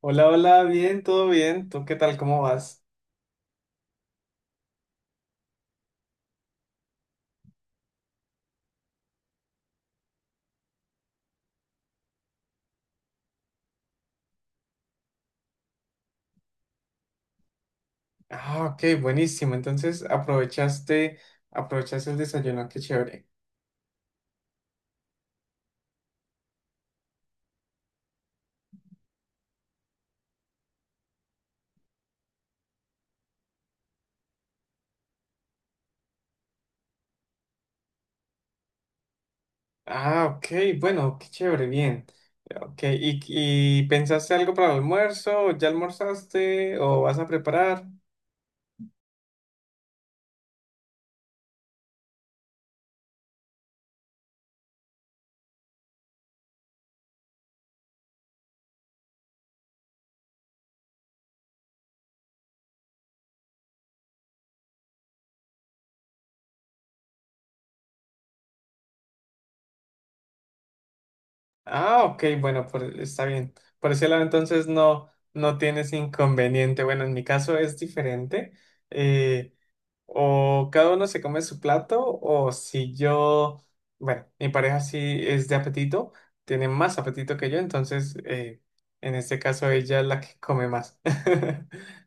Hola, hola, bien, todo bien. ¿Tú qué tal? ¿Cómo vas? Ah, ok, buenísimo. Entonces, aprovechaste el desayuno, qué chévere. Ah, ok, bueno, qué chévere, bien. Ok, ¿Y pensaste algo para el almuerzo? ¿Ya almorzaste o vas a preparar? Ah, ok, bueno, está bien. Por ese lado, entonces no, no tienes inconveniente. Bueno, en mi caso es diferente. Eh, O cada uno se come su plato, o si yo, bueno, mi pareja sí es de apetito, tiene más apetito que yo, entonces en este caso ella es la que come más.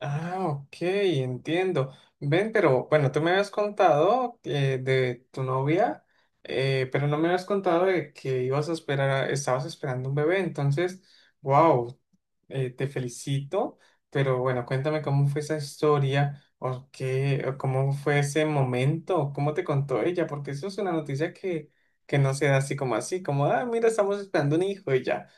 Ah, ok, entiendo. Ven, pero bueno, tú me habías contado de tu novia, pero no me habías contado de que ibas a esperar, estabas esperando un bebé, entonces, wow, te felicito, pero bueno, cuéntame cómo fue esa historia, o qué, o cómo fue ese momento, cómo te contó ella, porque eso es una noticia que no se da así, como, ah, mira, estamos esperando un hijo y ya.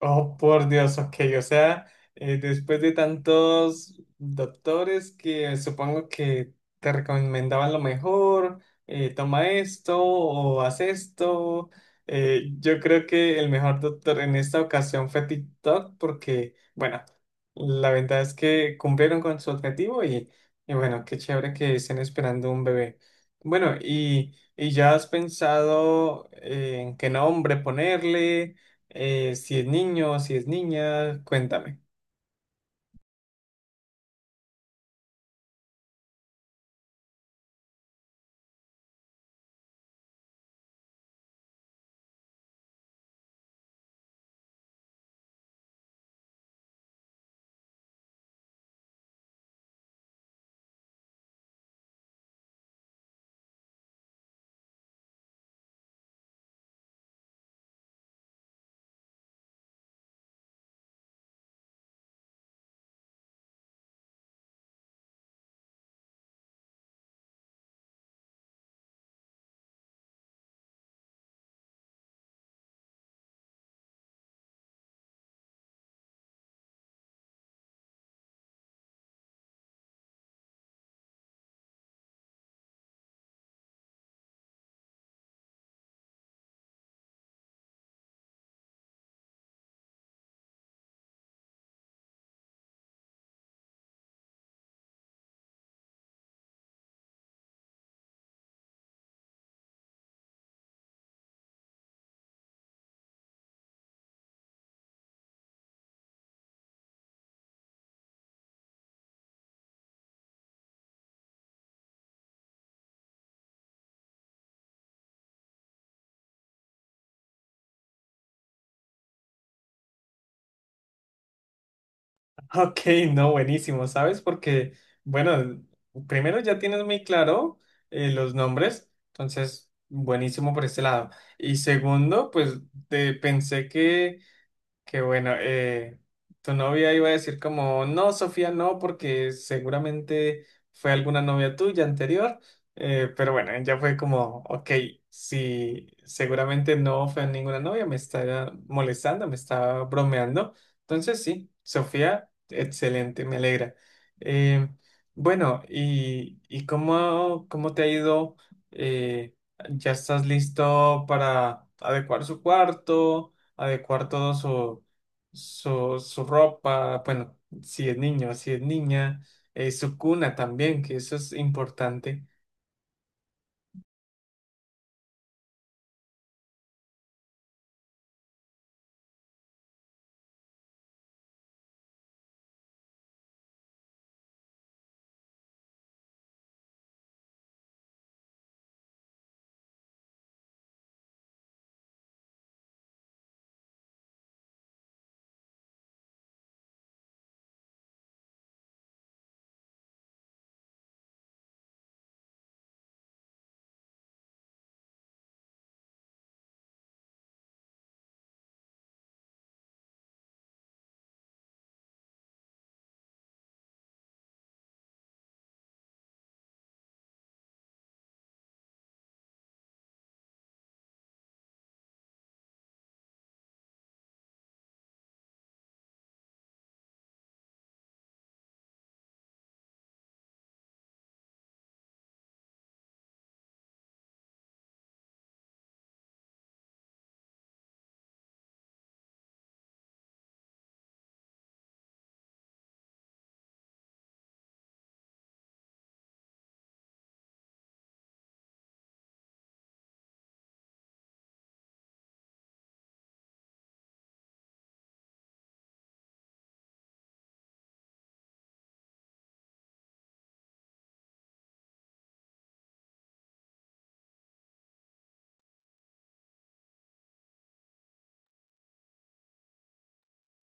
Oh, por Dios, ok, o sea, después de tantos doctores que supongo que te recomendaban lo mejor, toma esto o haz esto, yo creo que el mejor doctor en esta ocasión fue TikTok porque, bueno, la verdad es que cumplieron con su objetivo y bueno, qué chévere que estén esperando un bebé. Bueno, y ya has pensado en qué nombre ponerle. Si es niño, si es niña, cuéntame. Ok, no, buenísimo, ¿sabes? Porque, bueno, primero ya tienes muy claro los nombres, entonces, buenísimo por este lado. Y segundo, pues te pensé que qué bueno. Tu novia iba a decir como, no, Sofía, no, porque seguramente fue alguna novia tuya anterior. Pero bueno, ella fue como, ok, si seguramente no fue ninguna novia, me está molestando, me está bromeando. Entonces sí, Sofía, excelente, me alegra. Eh, bueno, ¿y cómo, cómo te ha ido? Eh, ¿Ya estás listo para adecuar su cuarto? Adecuar todo su, su ropa, bueno, si es niño, si es niña, su cuna también, que eso es importante.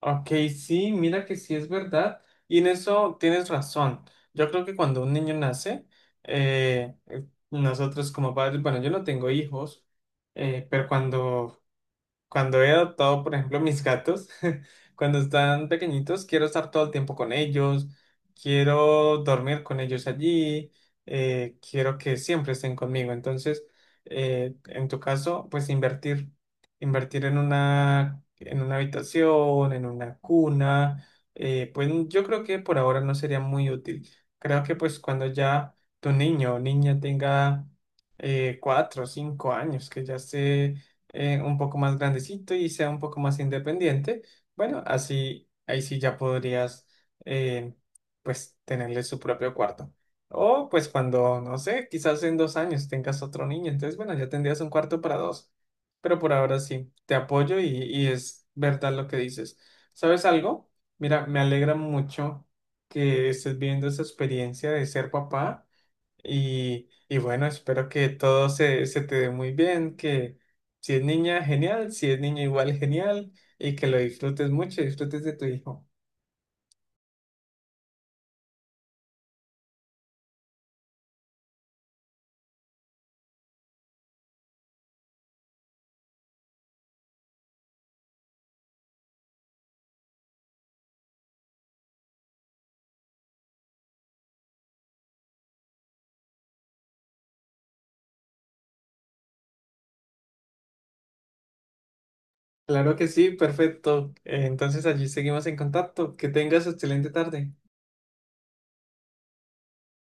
Ok, sí, mira que sí es verdad. Y en eso tienes razón. Yo creo que cuando un niño nace, nosotros como padres, bueno, yo no tengo hijos, pero cuando he adoptado, por ejemplo, mis gatos, cuando están pequeñitos, quiero estar todo el tiempo con ellos, quiero dormir con ellos allí, quiero que siempre estén conmigo. Entonces, en tu caso, pues invertir en una habitación, en una cuna, pues yo creo que por ahora no sería muy útil. Creo que pues cuando ya tu niño o niña tenga 4 o 5 años, que ya se un poco más grandecito y sea un poco más independiente, bueno, así, ahí sí ya podrías, eh, pues, tenerle su propio cuarto. O pues cuando, no sé, quizás en 2 años tengas otro niño, entonces, bueno, ya tendrías un cuarto para dos. Pero por ahora sí, te apoyo y es verdad lo que dices. ¿Sabes algo? Mira, me alegra mucho que estés viendo esa experiencia de ser papá. Y bueno, espero que todo se te dé muy bien, que si es niña, genial, si es niño, igual genial, y que lo disfrutes mucho, disfrutes de tu hijo. Claro que sí, perfecto. Entonces allí seguimos en contacto. Que tengas excelente tarde.